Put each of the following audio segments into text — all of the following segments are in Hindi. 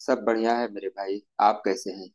सब बढ़िया है मेरे भाई। आप कैसे हैं?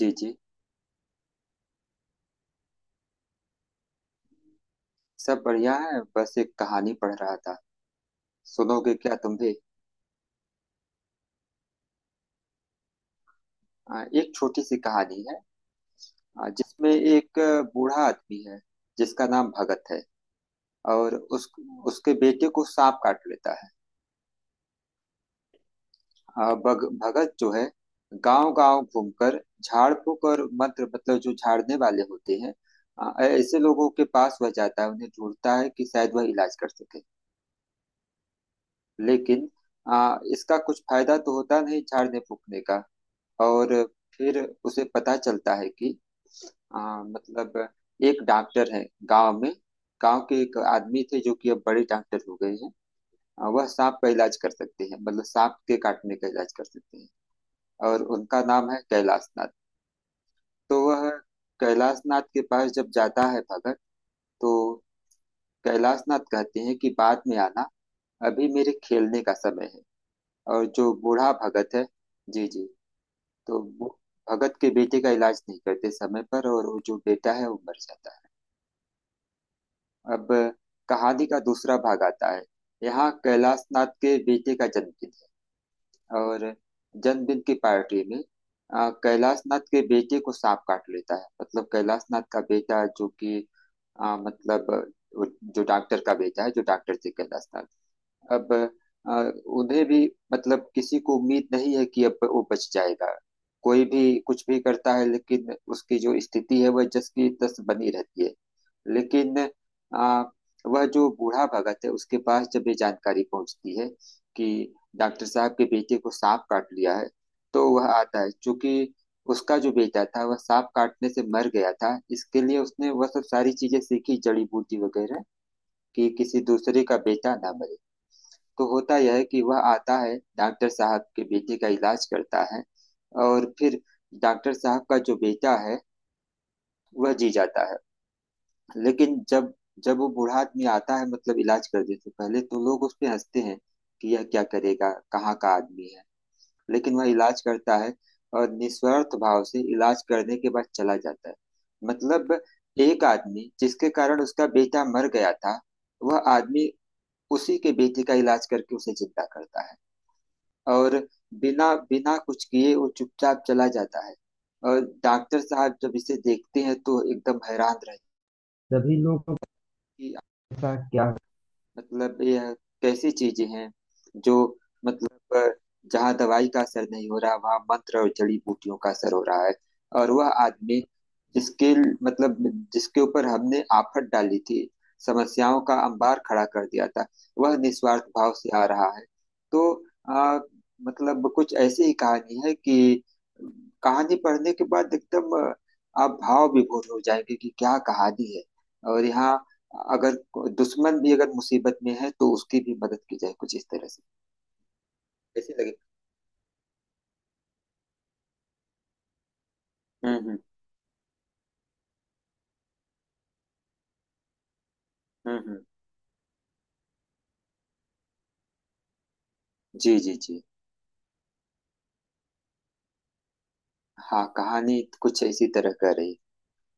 जी जी। सब बढ़िया है, बस एक कहानी पढ़ रहा था। सुनोगे क्या तुम भी? एक छोटी सी कहानी है। जिसमें एक बूढ़ा आदमी है, जिसका नाम भगत है। और उस उसके बेटे को सांप काट लेता है। भगत जो है, गांव गांव घूमकर झाड़ फूक और मंत्र, मतलब जो झाड़ने वाले होते हैं, ऐसे लोगों के पास वह जाता है, उन्हें ढूंढता है कि शायद वह इलाज कर सके। लेकिन इसका कुछ फायदा तो होता नहीं झाड़ने फूकने का। और फिर उसे पता चलता है कि मतलब एक डॉक्टर है गांव में। गांव के एक आदमी थे जो कि अब बड़े डॉक्टर हो गए हैं। वह सांप का इलाज कर सकते हैं, मतलब सांप के काटने का इलाज कर सकते हैं। और उनका नाम है कैलाश नाथ। तो वह कैलाश नाथ के पास जब जाता है भगत, तो कैलाश नाथ कहते हैं कि बाद में आना, अभी मेरे खेलने का समय है। और जो बूढ़ा भगत है, जी जी, तो वो भगत के बेटे का इलाज नहीं करते समय पर, और वो जो बेटा है वो मर जाता है। अब कहानी का दूसरा भाग आता है। यहाँ कैलाश नाथ के बेटे का जन्मदिन है, और जन्मदिन की पार्टी में कैलाश नाथ के बेटे को सांप काट लेता है, मतलब कैलाश नाथ का बेटा जो कि मतलब वो, जो डॉक्टर का बेटा है, जो डॉक्टर थे कैलाश नाथ। अब आ, उन्हें भी, मतलब किसी को उम्मीद नहीं है कि अब वो बच जाएगा। कोई भी कुछ भी करता है, लेकिन उसकी जो स्थिति है वह जस की तस बनी रहती है। लेकिन आ, वह जो बूढ़ा भगत है उसके पास जब ये जानकारी पहुंचती है कि डॉक्टर साहब के बेटे को सांप काट लिया है, तो वह आता है, चूंकि उसका जो बेटा था वह सांप काटने से मर गया था, इसके लिए उसने वह सब सारी चीजें सीखी जड़ी बूटी वगैरह, कि किसी दूसरे का बेटा ना मरे। तो होता यह है कि वह आता है, डॉक्टर साहब के बेटे का इलाज करता है, और फिर डॉक्टर साहब का जो बेटा है वह जी जाता है। लेकिन जब जब वो बूढ़ा आदमी आता है, मतलब इलाज करने से पहले, तो लोग उस पे हंसते हैं कि यह क्या करेगा, कहाँ का आदमी है। लेकिन वह इलाज करता है, और निस्वार्थ भाव से इलाज करने के बाद चला जाता है। मतलब एक आदमी जिसके कारण उसका बेटा मर गया था, वह आदमी उसी के बेटे का इलाज करके उसे जिंदा करता है, और बिना बिना कुछ किए वो चुपचाप चला जाता है। और डॉक्टर साहब जब इसे देखते हैं तो एकदम हैरान रहते हैं। सभी लोगों हैं कि ऐसा क्या, मतलब यह कैसी चीजें हैं जो, मतलब जहाँ दवाई का असर नहीं हो रहा वहाँ मंत्र और जड़ी बूटियों का असर हो रहा है। और वह आदमी जिसके, मतलब जिसके ऊपर हमने आफत डाली थी, समस्याओं का अंबार खड़ा कर दिया था, वह निस्वार्थ भाव से आ रहा है। तो आ, मतलब कुछ ऐसी ही कहानी है कि कहानी पढ़ने के बाद एकदम आप भाव विभोर हो जाएंगे कि क्या कहानी है। और यहाँ अगर दुश्मन भी अगर मुसीबत में है तो उसकी भी मदद की जाए, कुछ इस तरह से। ऐसे लगे। हम्म। हम्म हम्म। जी जी जी। हाँ, कहानी कुछ इसी तरह का रही।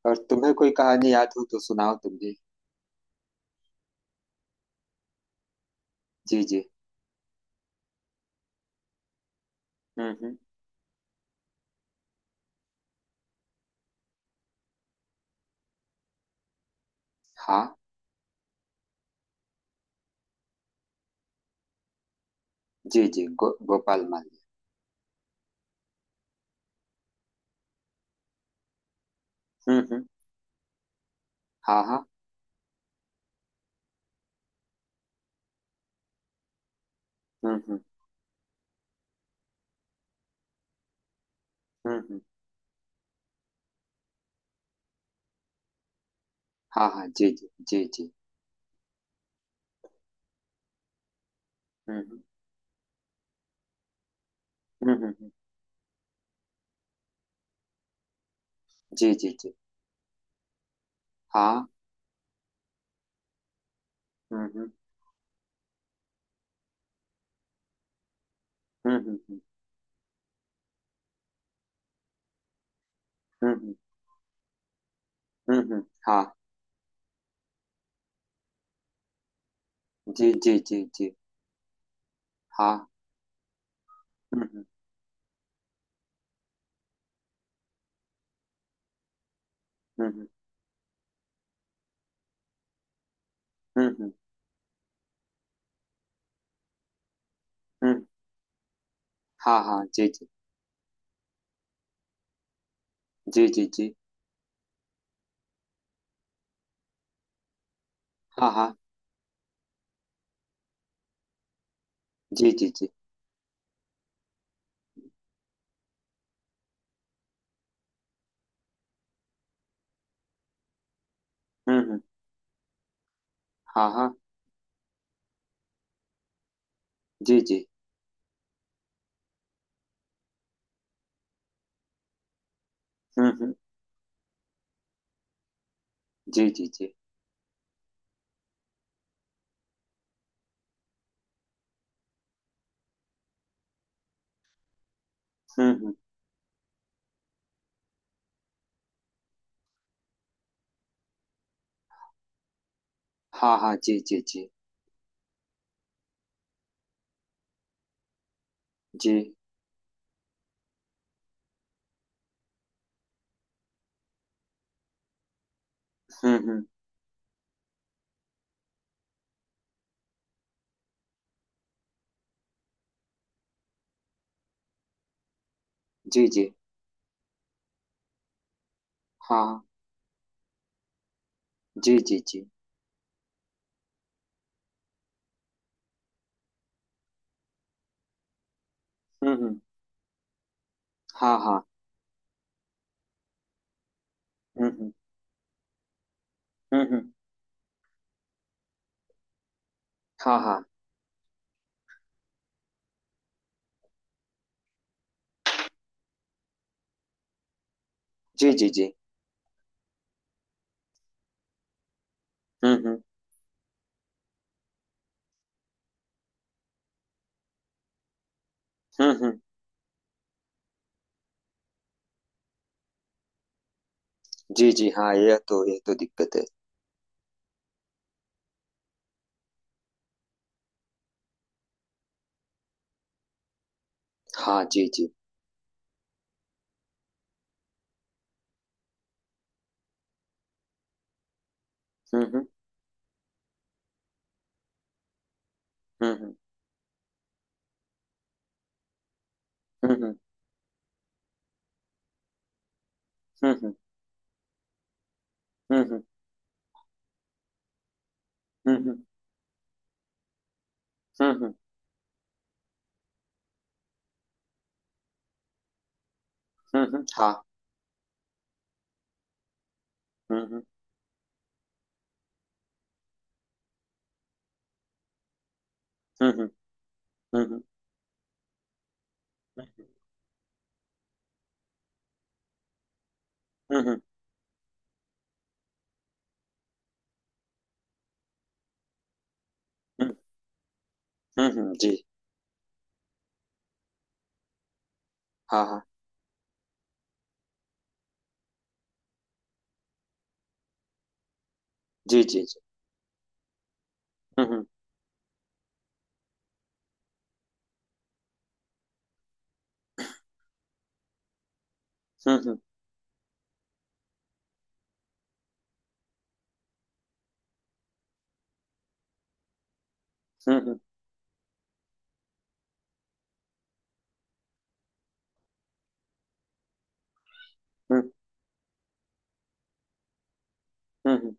और तुम्हें कोई कहानी याद हो तो सुनाओ तुम भी। जी जी। हम्म। हाँ, जी जी, गोपाल माली। हम्म। हाँ हाँ। हम्म। हम्म। हाँ हाँ। जी जी जी जी। हम्म। हम्म। हम्म। जी जी जी। हाँ। हम्म। हम्म। हम्म। हम्म हम्म, हाँ। जी जी जी जी। हाँ। हम्म। हम्म हम्म। हम्म। हाँ हाँ। जी जी जी जी जी। हाँ हाँ। जी जी जी। हम्म। हाँ हाँ। जी जी। हम्म। जी जी जी। हम्म। हाँ हाँ। जी जी जी जी। हम्म। जी जी। हाँ हाँ। जी जी जी। हम्म। हाँ हाँ। हम्म। हम्म। हाँ हाँ। जी जी जी। हम्म। हम्म। जी जी। हाँ, यह तो दिक्कत है। हाँ जी जी। हम्म। हम्म हम्म। हम्म। हम्म हम्म। हम्म। हम्म। हाँ। हम्म। हम्म। हम्म हम्म। हम्म। हुँ, हुँ, जी। हाँ, हाँ। जी, जी, जी। हुँ, हुँ। हुँ, हुँ। हुँ, हुँ। हुँ, हुँ, हुँ।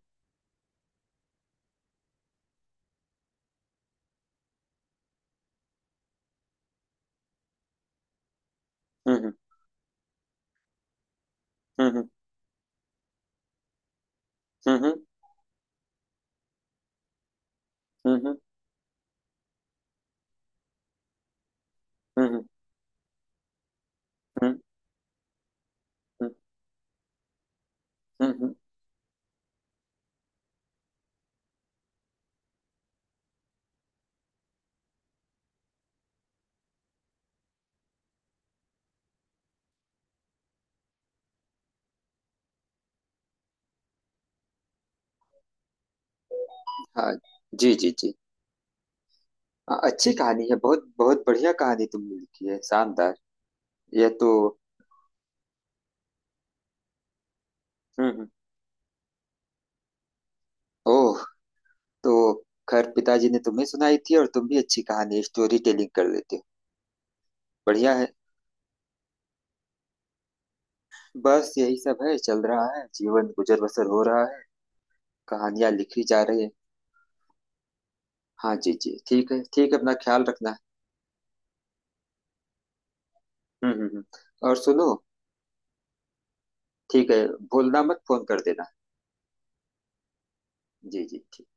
हुँ, हुँ। हुँ, हुँ। हुँ, हुँ। हुँ, हुँ। हुँ, हुँ। हुँ, हुँ। हुँ, हुँ। हाँ। जी, जी, जी। अच्छी कहानी है। बहुत बहुत बढ़िया कहानी तुमने लिखी है। शानदार। यह तो। हुँ, हुँ। ओह! तो। खैर, पिताजी ने तुम्हें सुनाई थी, और तुम भी अच्छी कहानी स्टोरी टेलिंग कर लेते हो। बढ़िया है। बस यही सब है, चल रहा है। जीवन गुजर बसर हो रहा है। कहानियाँ लिखी जा रही है। हाँ जी, जी। ठीक है, ठीक है। अपना ख्याल रखना। हम्म हम्म हम्म। और सुनो। ठीक है। भूलना मत, फोन कर देना। जी जी ठीक।